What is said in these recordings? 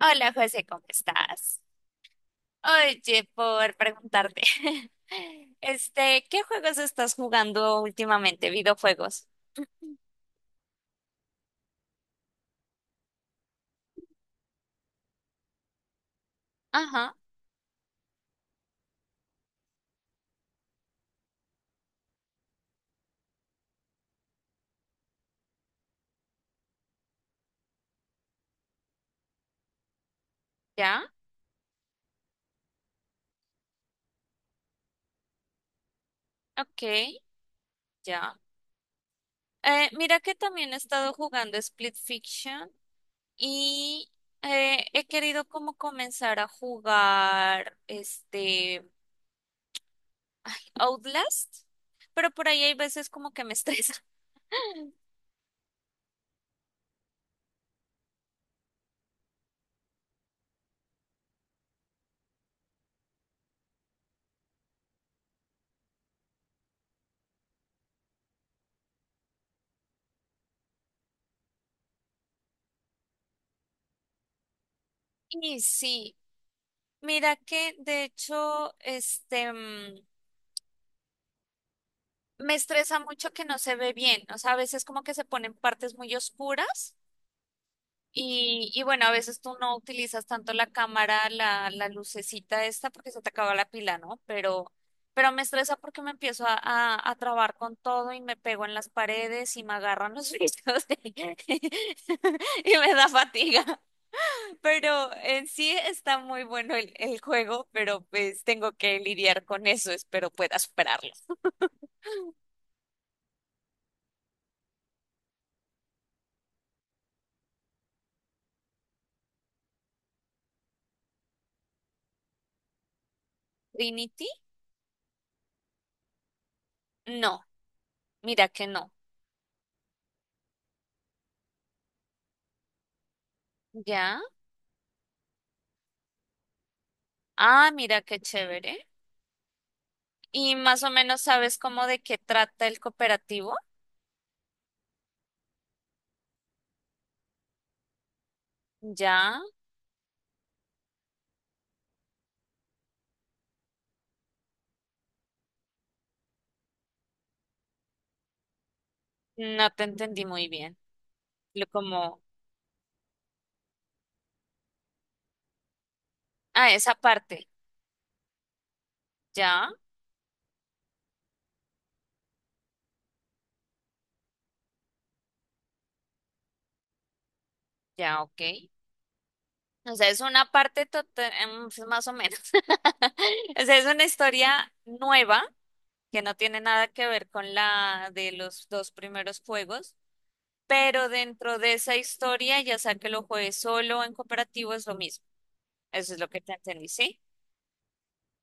Hola José, ¿cómo estás? Oye, por preguntarte, ¿qué juegos estás jugando últimamente? ¿Videojuegos? Ajá, ya, ok, ya. Mira que también he estado jugando Split Fiction y he querido como comenzar a jugar Outlast, pero por ahí hay veces como que me estresa. Y sí, mira que de hecho, me estresa mucho que no se ve bien. O sea, a veces como que se ponen partes muy oscuras y bueno, a veces tú no utilizas tanto la cámara, la lucecita esta porque se te acaba la pila, ¿no? Pero me estresa porque me empiezo a trabar con todo y me pego en las paredes y me agarran los brillos y me da fatiga. Pero en sí está muy bueno el juego, pero pues tengo que lidiar con eso. Espero pueda superarlo. Trinity, no, mira que no. Ya. Ah, mira qué chévere. ¿Y más o menos sabes cómo de qué trata el cooperativo? Ya. No te entendí muy bien. Lo como, ah, esa parte. Ya, ya, ok. O sea, es una parte pues, más o menos. O sea, es una historia nueva que no tiene nada que ver con la de los dos primeros juegos, pero dentro de esa historia, ya sea que lo juegues solo o en cooperativo, es lo mismo. Eso es lo que te entendí, ¿sí?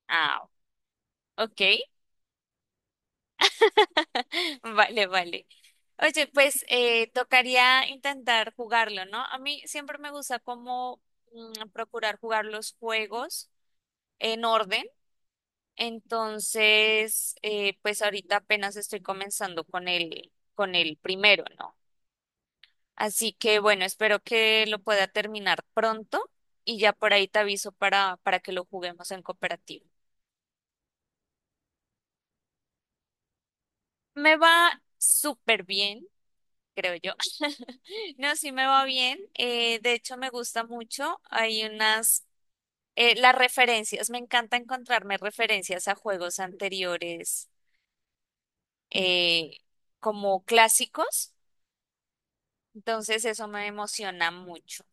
Ah, ok. Vale, vale. Oye, pues tocaría intentar jugarlo, ¿no? A mí siempre me gusta como procurar jugar los juegos en orden. Entonces, pues ahorita apenas estoy comenzando con con el primero, ¿no? Así que bueno, espero que lo pueda terminar pronto y ya por ahí te aviso para que lo juguemos en cooperativo. Me va súper bien. Creo yo. No, sí me va bien. De hecho, me gusta mucho. Las referencias, me encanta encontrarme referencias a juegos anteriores eh, como clásicos. Entonces, eso me emociona mucho.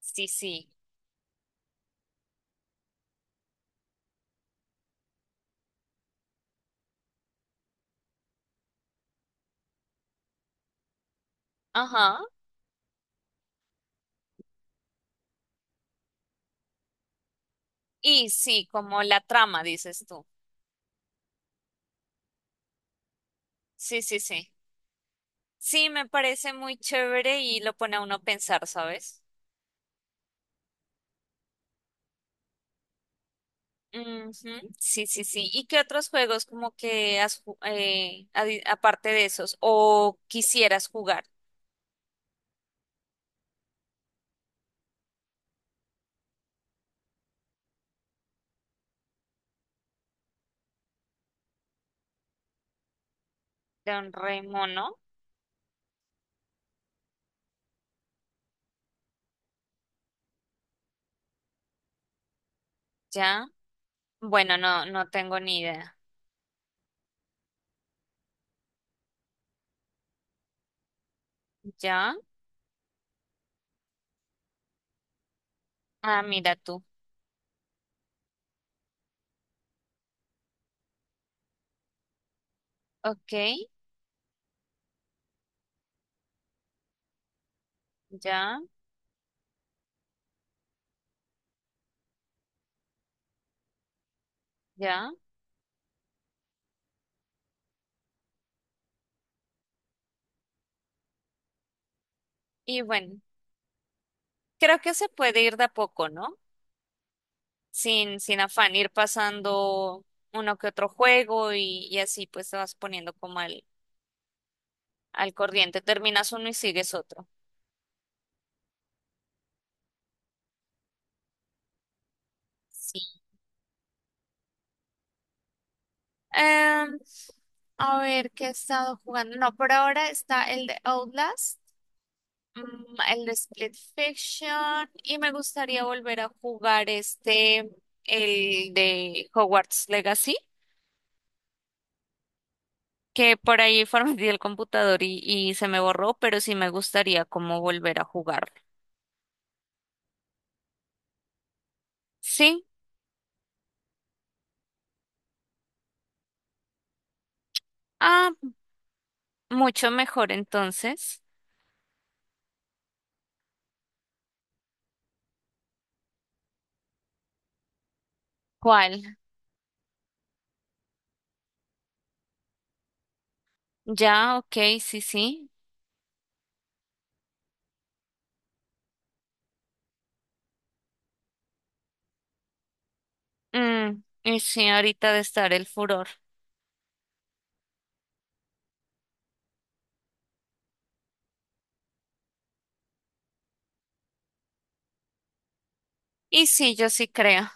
Sí, sí. Ajá. Y sí, como la trama, dices tú. Sí, sí, sí. Sí, me parece muy chévere y lo pone a uno a pensar, ¿sabes? Ujú, sí, sí, sí. ¿Y qué otros juegos como que aparte de esos o quisieras jugar? Don Remo, ¿no? Ya. Bueno, no, no tengo ni idea. Ya. Ah, mira tú. Ok, ya, ya. Y bueno, creo que se puede ir de a poco, ¿no? Sin, sin afán, ir pasando uno que otro juego y así pues te vas poniendo como al corriente. Terminas uno y sigues otro. Sí. Eh, a ver, ¿qué he estado jugando? No, por ahora está el de Outlast, mm, el de Split Fiction, y me gustaría volver a jugar el de Hogwarts Legacy, que por ahí formateé el computador y se me borró, pero sí me gustaría como volver a jugar. Sí, ah, mucho mejor entonces. ¿Cuál? Ya, ok, sí, sí. Mm, y sí, ahorita de estar el furor. Y sí, yo sí creo.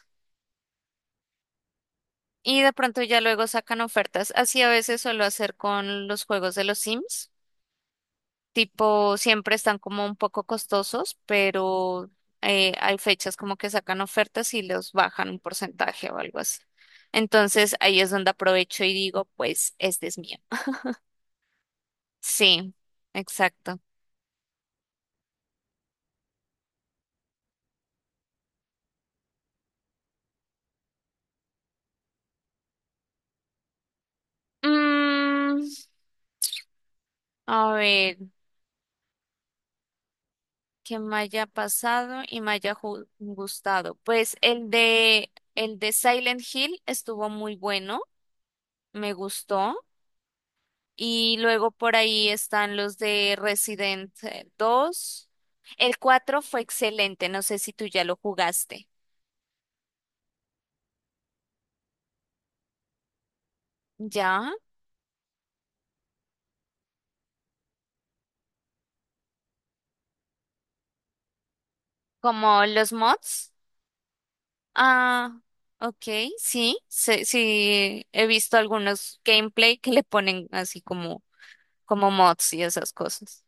Y de pronto ya luego sacan ofertas. Así a veces suelo hacer con los juegos de los Sims. Tipo, siempre están como un poco costosos, pero hay fechas como que sacan ofertas y los bajan un porcentaje o algo así. Entonces ahí es donde aprovecho y digo, pues este es mío. Sí, exacto. Mm, a ver, ¿qué me haya pasado y me gustado? Pues el de Silent Hill estuvo muy bueno, me gustó. Y luego por ahí están los de Resident dos. El 4 fue excelente, no sé si tú ya lo jugaste. ¿Ya? ¿Como los mods? Ah, ok, sí, sí, sí, he visto algunos gameplay que le ponen así como, como mods y esas cosas.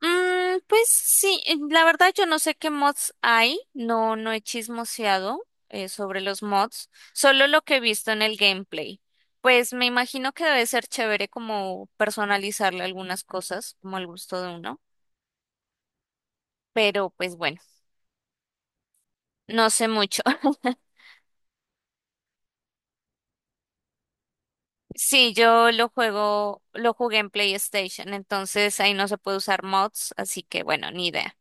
Mm, pues sí, la verdad yo no sé qué mods hay, no, no he chismoseado sobre los mods, solo lo que he visto en el gameplay. Pues me imagino que debe ser chévere como personalizarle algunas cosas, como al gusto de uno, pero pues bueno, no sé mucho. Sí, yo lo juego, lo jugué en PlayStation, entonces ahí no se puede usar mods, así que bueno, ni idea.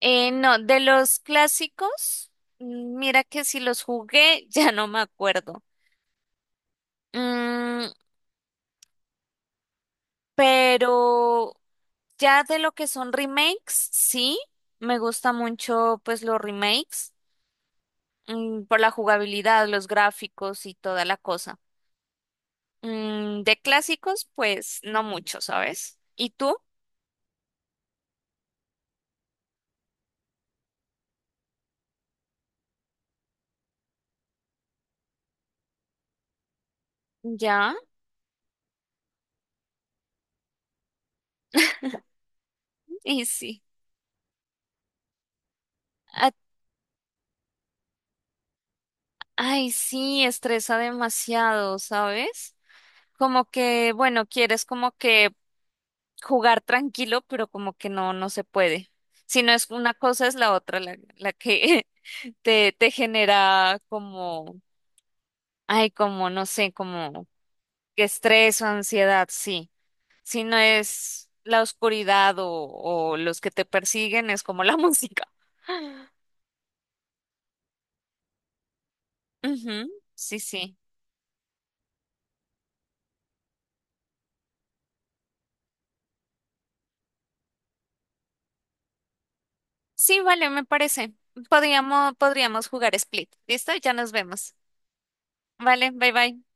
No, de los clásicos, mira que si los jugué, ya no me acuerdo. Mm, pero ya de lo que son remakes, sí, me gusta mucho pues los remakes, por la jugabilidad, los gráficos y toda la cosa. Mm, de clásicos, pues no mucho, ¿sabes? ¿Y tú? Ya, y sí. A- ay, sí, estresa demasiado, ¿sabes? Como que, bueno, quieres como que jugar tranquilo, pero como que no, no se puede. Si no es una cosa, es la otra, la que te genera como, ay, como, no sé, como estrés o ansiedad, sí. Si no es la oscuridad o los que te persiguen, es como la música. Ujú, sí, sí. Sí, vale, me parece. Podríamos, podríamos jugar Split. ¿Listo? Ya nos vemos. Vale, bye bye.